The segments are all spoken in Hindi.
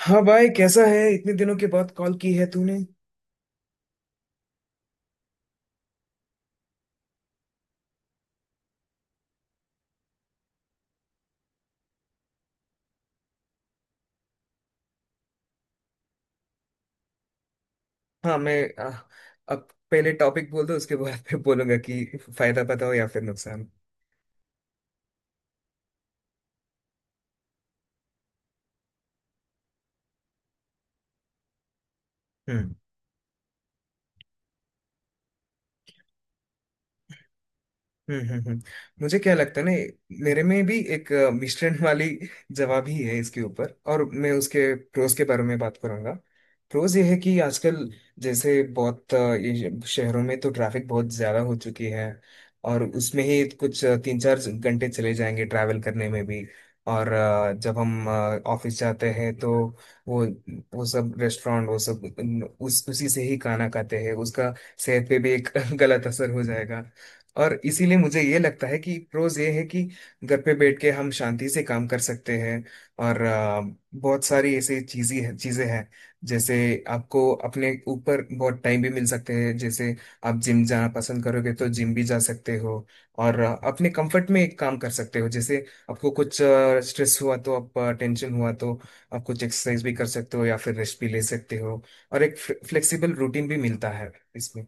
हाँ भाई कैसा है इतने दिनों के बाद कॉल की है तूने। हाँ मैं आ, अब पहले टॉपिक बोल दो उसके बाद फिर बोलूंगा कि फायदा बताओ या फिर नुकसान। हम्म। हम्म हम्म हम्म। मुझे क्या लगता है ना, मेरे में भी एक मिश्रण वाली जवाब ही है इसके ऊपर, और मैं उसके प्रोज के बारे में बात करूंगा। प्रोज ये है कि आजकल जैसे बहुत ये शहरों में तो ट्रैफिक बहुत ज्यादा हो चुकी है और उसमें ही कुछ तीन चार घंटे चले जाएंगे ट्रैवल करने में भी। और जब हम ऑफिस जाते हैं तो वो वो सब रेस्टोरेंट वो सब उन- उस उसी से ही खाना खाते हैं, उसका सेहत पे भी एक गलत असर हो जाएगा। और इसीलिए मुझे ये लगता है कि प्रोज ये है कि घर पे बैठ के हम शांति से काम कर सकते हैं। और बहुत सारी ऐसी चीजें हैं जैसे आपको अपने ऊपर बहुत टाइम भी मिल सकते हैं। जैसे आप जिम जाना पसंद करोगे तो जिम भी जा सकते हो, और अपने कंफर्ट में एक काम कर सकते हो। जैसे आपको कुछ स्ट्रेस हुआ तो, आप टेंशन हुआ तो आप कुछ एक्सरसाइज भी कर सकते हो या फिर रेस्ट भी ले सकते हो। और एक फ्लेक्सिबल रूटीन भी मिलता है इसमें।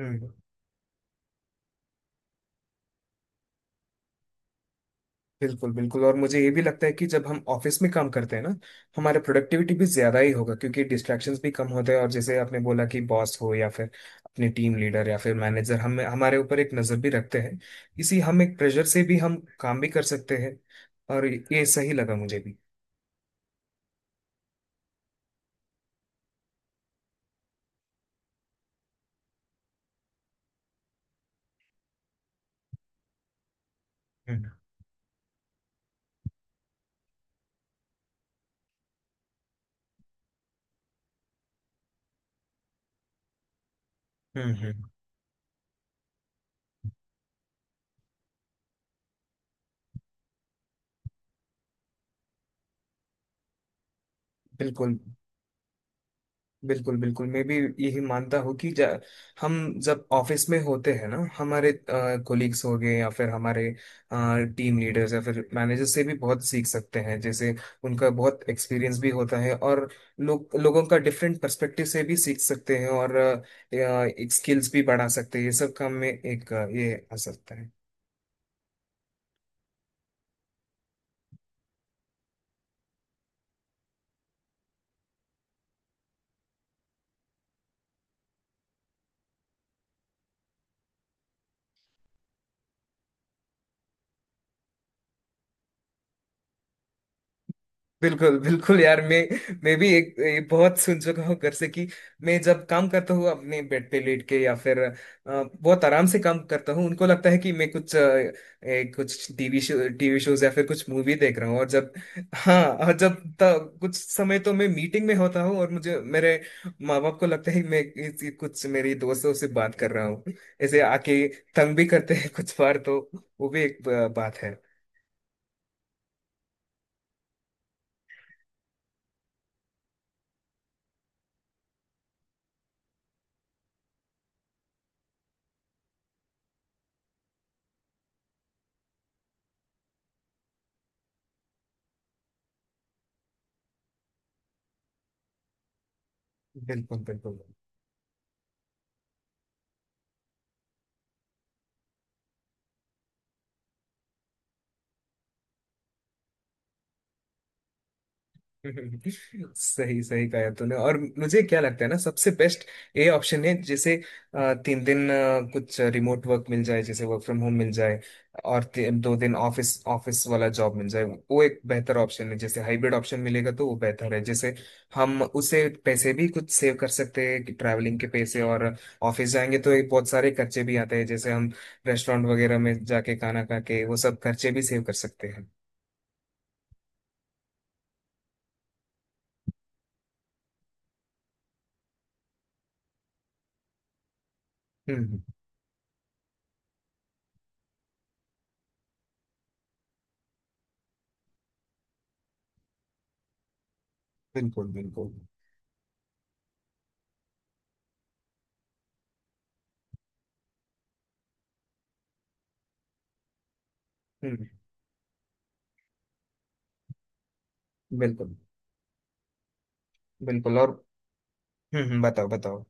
हम्म। बिल्कुल बिल्कुल, और मुझे ये भी लगता है कि जब हम ऑफिस में काम करते हैं ना, हमारा प्रोडक्टिविटी भी ज्यादा ही होगा क्योंकि डिस्ट्रैक्शंस भी कम होते हैं। और जैसे आपने बोला कि बॉस हो या फिर अपने टीम लीडर या फिर मैनेजर, हम हमारे ऊपर एक नजर भी रखते हैं। इसी हम एक प्रेशर से भी हम काम भी कर सकते हैं। और ये सही लगा मुझे भी। हम्म हम्म हम्म, बिल्कुल बिल्कुल। बिल्कुल मैं भी यही मानता हूँ कि जा- हम जब ऑफिस में होते हैं ना, हमारे कोलिग्स हो गए या फिर हमारे टीम लीडर्स या फिर मैनेजर से भी बहुत सीख सकते हैं। जैसे उनका बहुत एक्सपीरियंस भी होता है, और लोग लोगों का डिफरेंट पर्सपेक्टिव से भी सीख सकते हैं। और अ, एक स्किल्स भी बढ़ा सकते हैं। ये सब काम में एक ये आ सकता है। बिल्कुल बिल्कुल यार, मैं भी एक बहुत सुन चुका हूँ घर से कि मैं जब काम करता हूँ अपने बेड पे लेट के या फिर बहुत आराम से काम करता हूँ, उनको लगता है कि मैं कुछ कुछ टीवी शोज या फिर कुछ मूवी देख रहा हूँ। और जब हाँ, और कुछ समय तो मैं मीटिंग में होता हूँ और मुझे मेरे माँ बाप को लगता है कि मैं कुछ मेरी दोस्तों से बात कर रहा हूँ। ऐसे आके तंग भी करते हैं कुछ बार तो। वो भी एक बात है। बिल्कुल बिल्कुल। सही सही कहा तूने, और मुझे क्या लगता है ना, सबसे बेस्ट ये ऑप्शन है। जैसे तीन दिन कुछ रिमोट वर्क मिल जाए, जैसे वर्क फ्रॉम होम मिल जाए, और दो दिन ऑफिस ऑफिस वाला जॉब मिल जाए, वो एक बेहतर ऑप्शन है। जैसे हाइब्रिड ऑप्शन मिलेगा तो वो बेहतर है। जैसे हम उसे पैसे भी कुछ सेव कर सकते हैं कि ट्रैवलिंग के पैसे, और ऑफिस जाएंगे तो एक बहुत सारे खर्चे भी आते हैं। जैसे हम रेस्टोरेंट वगैरह में जाके खाना खा के वो सब खर्चे भी सेव कर सकते हैं। हम्म। बिल्कुल बिल्कुल। हम्म। बिल्कुल बिल्कुल। और बताओ बताओ।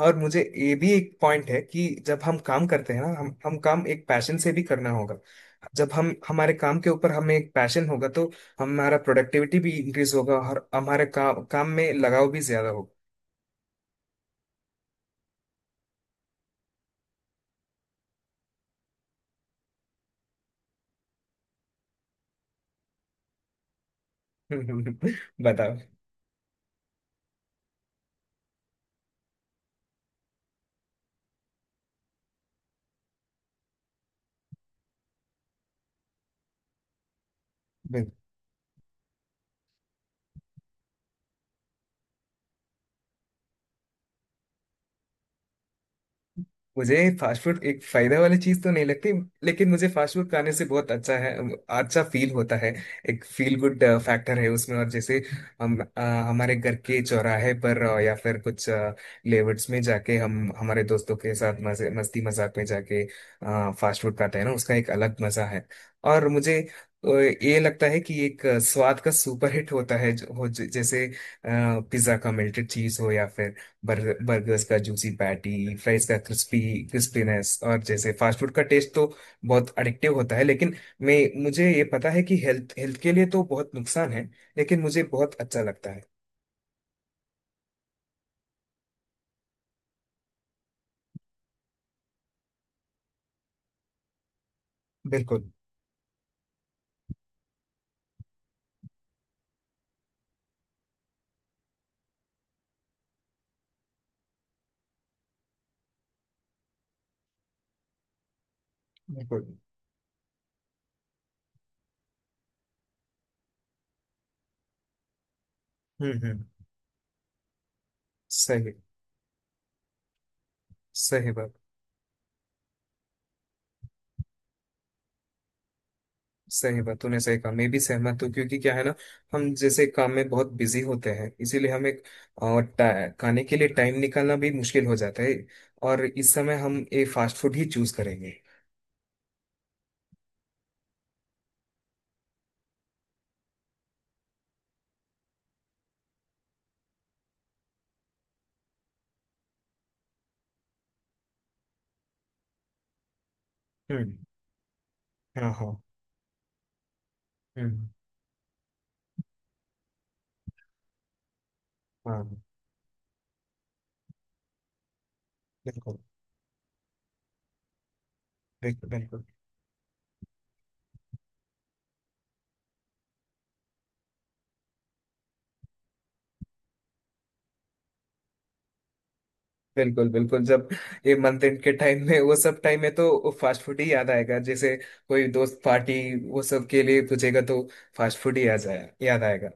और मुझे ये भी एक पॉइंट है कि जब हम काम करते हैं ना, हम काम एक पैशन से भी करना होगा। जब हम हमारे काम के ऊपर हमें एक पैशन होगा तो हमारा प्रोडक्टिविटी भी इंक्रीज होगा, और हमारे काम काम में लगाव भी ज्यादा होगा। बताओ। मुझे फास्ट फूड एक फायदा वाली चीज तो नहीं लगती, लेकिन मुझे फास्ट फूड खाने से बहुत अच्छा है, अच्छा फील होता है। एक फील गुड फैक्टर है उसमें। और जैसे हम हमारे घर के चौराहे पर या फिर कुछ लेवर्ड्स में जाके हम हमारे दोस्तों के साथ मजे मस्ती मजाक में जाके फास्ट फूड खाते हैं ना, उसका एक अलग मजा है। और मुझे ये लगता है कि एक स्वाद का सुपर हिट होता है जो जैसे पिज्जा का मेल्टेड चीज हो या फिर बर्गर्स का जूसी पैटी, फ्राइज का क्रिस्पी क्रिस्पीनेस। और जैसे फास्ट फूड का टेस्ट तो बहुत अडिक्टिव होता है। लेकिन मैं मुझे ये पता है कि हेल्थ हेल्थ के लिए तो बहुत नुकसान है, लेकिन मुझे बहुत अच्छा लगता है। बिल्कुल। बिल्कुल। हम्म। सही सही बात। सही बात तूने सही कहा, मैं भी सहमत हूँ। क्योंकि क्या है ना, हम जैसे काम में बहुत बिजी होते हैं, इसीलिए हमें और खाने के लिए टाइम निकालना भी मुश्किल हो जाता है। और इस समय हम ये फास्ट फूड ही चूज करेंगे। हम्म। हाँ हाँ। हम्म। हाँ। बिल्कुल। बिल्कुल बिल्कुल। बिल्कुल बिल्कुल जब ये मंथ एंड के टाइम में, वो सब टाइम में तो फास्ट फूड ही याद आएगा। जैसे कोई दोस्त पार्टी वो सब के लिए पूछेगा तो फास्ट फूड ही याद आएगा।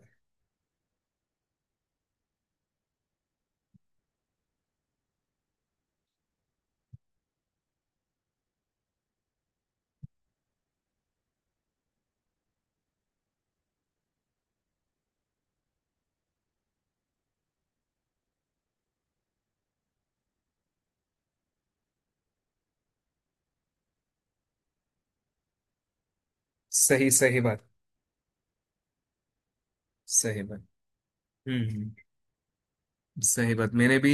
सही सही बात। सही बात। हम्म हम्म, सही बात।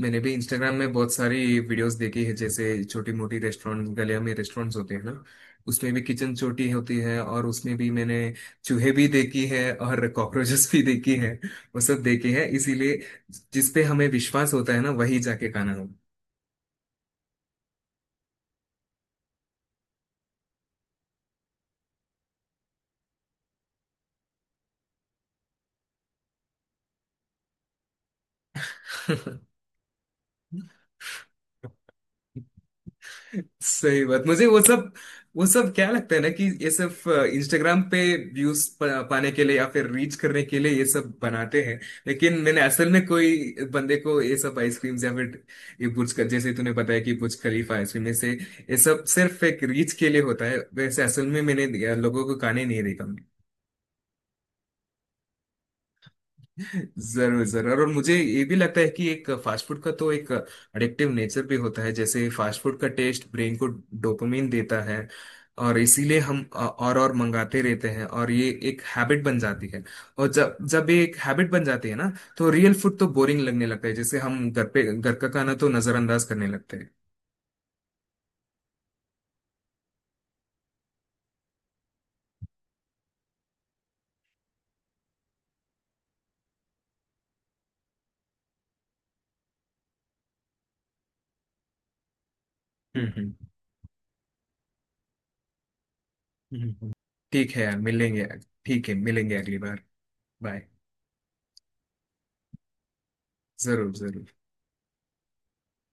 मैंने भी इंस्टाग्राम में बहुत सारी वीडियोस देखी है। जैसे छोटी मोटी रेस्टोरेंट गलियों में रेस्टोरेंट्स होते हैं ना, उसमें भी किचन छोटी होती है, और उसमें भी मैंने चूहे भी देखी है और कॉकरोचेस भी देखी है, वो सब देखी है। इसीलिए जिस पे हमें विश्वास होता है ना, वही जाके खाना। हो। सही बात। मुझे वो सब क्या लगता है ना कि ये सिर्फ इंस्टाग्राम पे व्यूज पाने के लिए या फिर रीच करने के लिए ये सब बनाते हैं। लेकिन मैंने असल में कोई बंदे को ये सब आइसक्रीम्स या फिर ये बुर्ज, जैसे तूने बताया कि बुर्ज खलीफा आइसक्रीम ये से, ये सब सिर्फ एक रीच के लिए होता है। वैसे असल में मैंने लोगों को खाने नहीं देखा। जरूर जरूर। और मुझे ये भी लगता है कि एक फास्ट फूड का तो एक अडिक्टिव नेचर भी होता है। जैसे फास्ट फूड का टेस्ट ब्रेन को डोपामिन देता है, और इसीलिए हम और मंगाते रहते हैं, और ये एक हैबिट बन जाती है। और जब जब ये एक हैबिट बन जाती है ना, तो रियल फूड तो बोरिंग लगने लगता है। जैसे हम घर पे घर का खाना तो नजरअंदाज करने लगते हैं। हम्म। हम्म हम्म। ठीक है यार, मिलेंगे। ठीक है मिलेंगे अगली बार। बाय। जरूर जरूर।